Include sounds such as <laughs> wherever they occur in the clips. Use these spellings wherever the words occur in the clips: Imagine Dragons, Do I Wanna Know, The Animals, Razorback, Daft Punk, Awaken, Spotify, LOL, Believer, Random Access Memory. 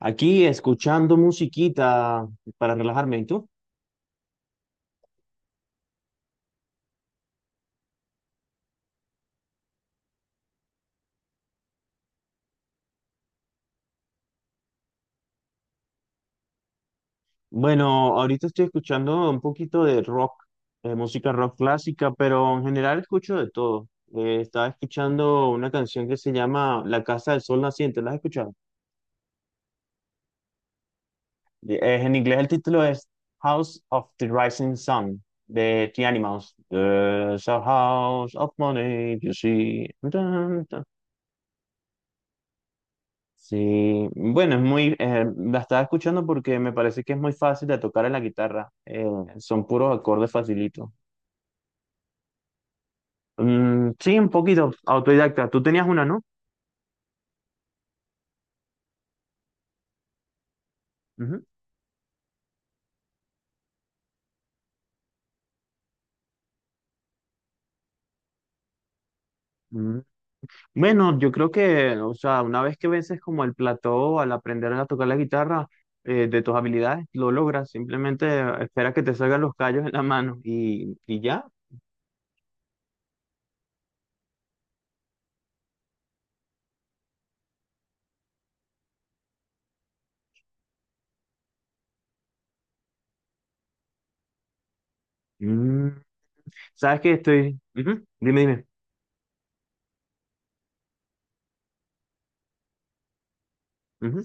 Aquí escuchando musiquita para relajarme, ¿y tú? Bueno, ahorita estoy escuchando un poquito de rock, música rock clásica, pero en general escucho de todo. Estaba escuchando una canción que se llama La Casa del Sol Naciente, ¿la has escuchado? En inglés el título es House of the Rising Sun de The Animals. There's a house of money, you see. Sí, bueno, la estaba escuchando porque me parece que es muy fácil de tocar en la guitarra. Son puros acordes facilitos. Mm, sí, un poquito autodidacta. Tú tenías una, ¿no? Ujú. Mm. Bueno, yo creo que, o sea, una vez que vences como el plató al aprender a tocar la guitarra, de tus habilidades, lo logras. Simplemente espera que te salgan los callos en la mano y ya. Mm. ¿Sabes que estoy... Ujú. Dime, dime. Ujú.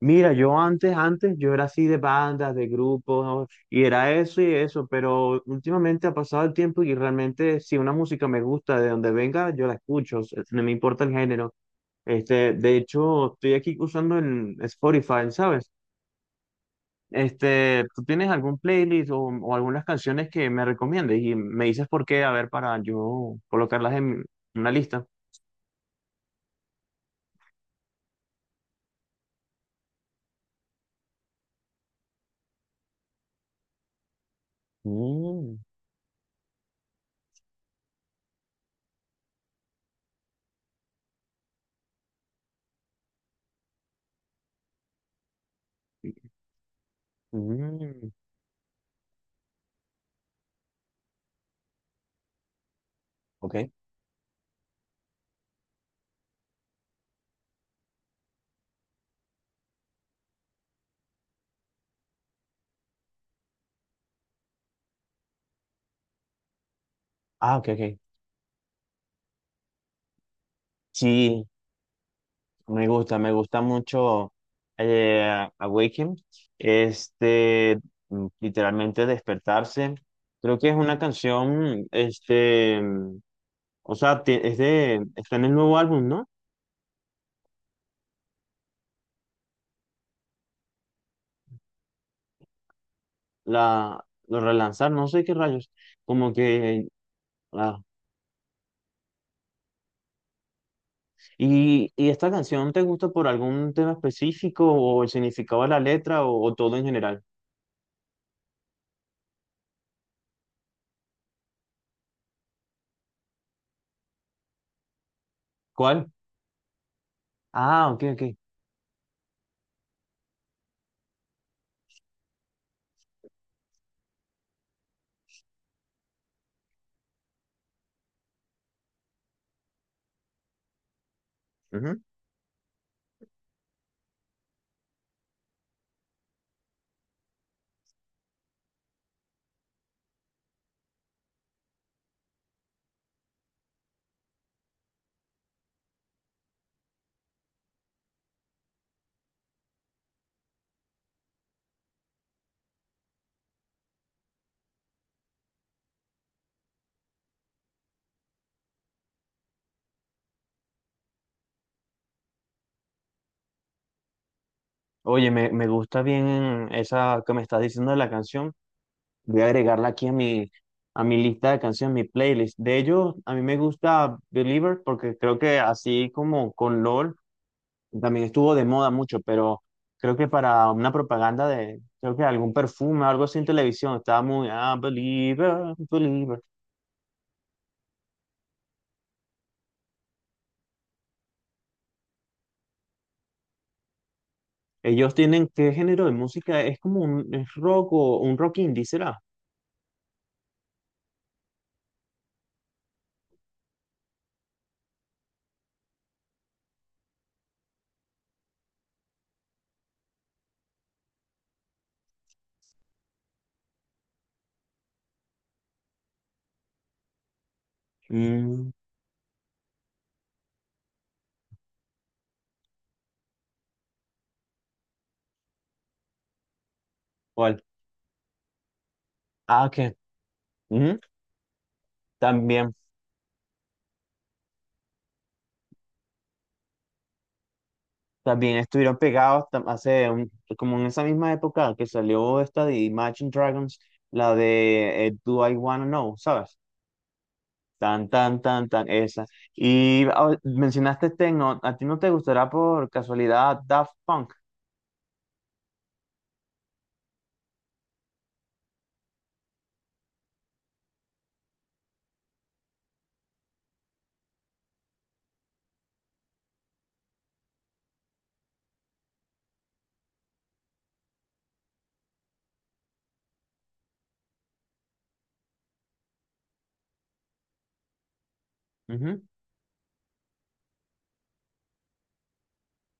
Mira, yo antes, yo era así de bandas, de grupos, ¿no? Y era eso y eso, pero últimamente ha pasado el tiempo y realmente si una música me gusta, de donde venga, yo la escucho, o sea, no me importa el género. Este, de hecho, estoy aquí usando en Spotify, ¿sabes? Este, ¿tú tienes algún playlist o algunas canciones que me recomiendes y me dices por qué, a ver, para yo colocarlas en una lista? Mm, mm, ok. Ah, ok, ok. Sí, me gusta mucho Awaken, este, literalmente despertarse. Creo que es una canción, es de, está en el nuevo álbum, ¿no? La, lo relanzar no sé qué rayos, como que, ah. Y esta canción te gusta por algún tema específico o el significado de la letra o todo en general? ¿Cuál? Ah, ok, ok. Ujú. Oye, me gusta bien esa que me estás diciendo de la canción. Voy a agregarla aquí a mi lista de canciones, mi playlist. De ellos, a mí me gusta Believer porque creo que así como con LOL, también estuvo de moda mucho, pero creo que para una propaganda de, creo que algún perfume, algo así en televisión, estaba muy, ah, Believer, Believer. Ellos tienen, ¿qué género de música? Es como un es rock o un rock indie, ¿será? Mm, ¿cuál? Ah, que también. También estuvieron pegados como en esa misma época que salió esta de Imagine Dragons, la de Do I Wanna Know, ¿sabes? Tan, tan, tan, tan, esa. Y ah, mencionaste Tecno, ¿a ti no te gustará por casualidad Daft Punk? Ujú. <laughs>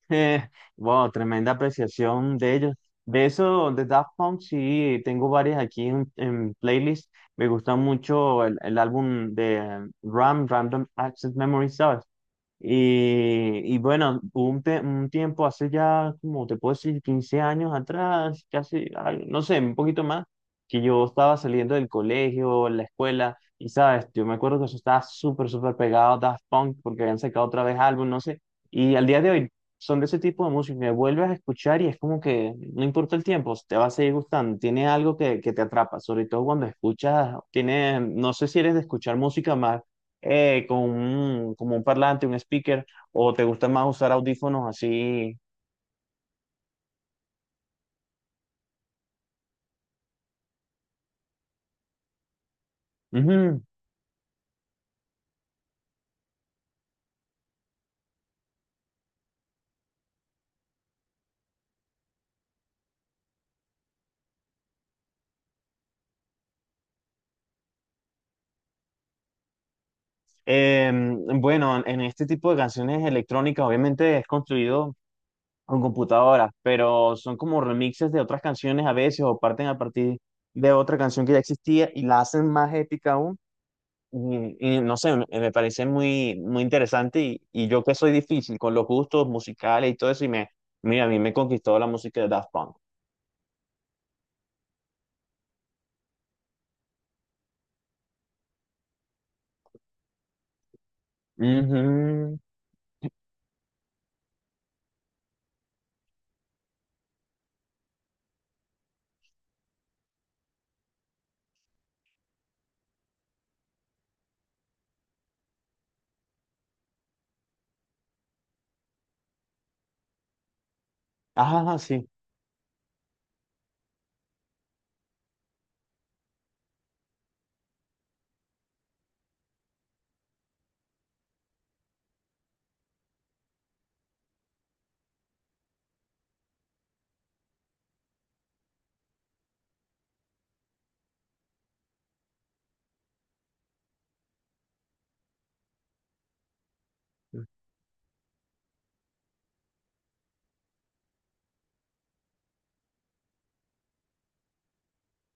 Eh, wow, tremenda apreciación de ellos. De eso, de Daft Punk, sí, tengo varias aquí en playlist. Me gusta mucho el álbum de Ram, Random Access Memory, ¿sabes? Y bueno, un tiempo hace ya, como te puedo decir, 15 años atrás, no sé, un poquito más, que yo estaba saliendo del colegio, la escuela, y sabes, yo me acuerdo que eso estaba súper pegado a Daft Punk, porque habían sacado otra vez álbum, no sé, y al día de hoy son de ese tipo de música que vuelves a escuchar y es como que no importa el tiempo, te va a seguir gustando, tiene algo que te atrapa, sobre todo cuando escuchas, tiene, no sé si eres de escuchar música más con un, como un parlante, un speaker, o te gusta más usar audífonos así. Ujú. Bueno, en este tipo de canciones electrónicas obviamente es construido con computadoras, pero son como remixes de otras canciones a veces o parten a partir de otra canción que ya existía y la hacen más épica aún. Y no sé, me parece muy, muy interesante y yo que soy difícil con los gustos musicales y todo eso y me, mira, a mí me conquistó la música de Daft Punk. Ujú. Ah, sí.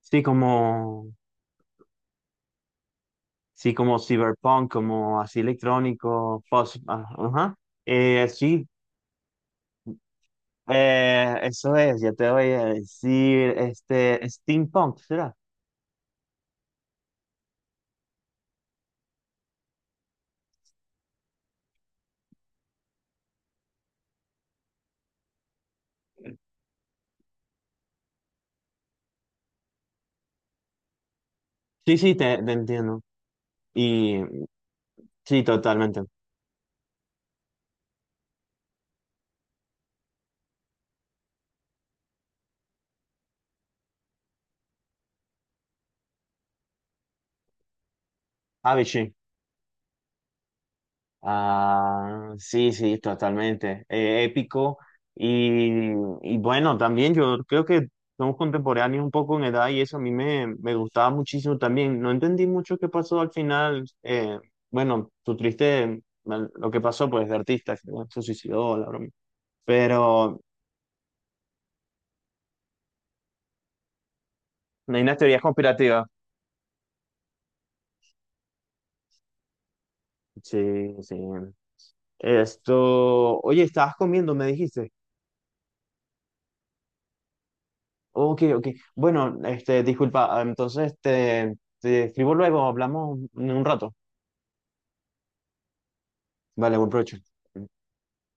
Sí, como, sí, como cyberpunk, como así electrónico, post, ah, ajá. Sí, eso es, ya te voy a decir, este, steampunk, ¿será? Sí, sí, te entiendo. Y sí, totalmente. Ah, sí. Ah, sí, sí, totalmente. Épico. Y, y bueno, también yo creo que somos contemporáneos un poco en edad y eso a mí me gustaba muchísimo también. No entendí mucho qué pasó al final. Bueno, su triste, bueno, lo que pasó pues de artista, que, bueno, se suicidó, la broma. Pero hay unas teorías conspirativas. Sí, sí. Esto, oye, estabas comiendo, me dijiste. Ok, ok. Bueno, este, disculpa, ah, entonces te escribo luego, hablamos en un rato. Vale, buen provecho.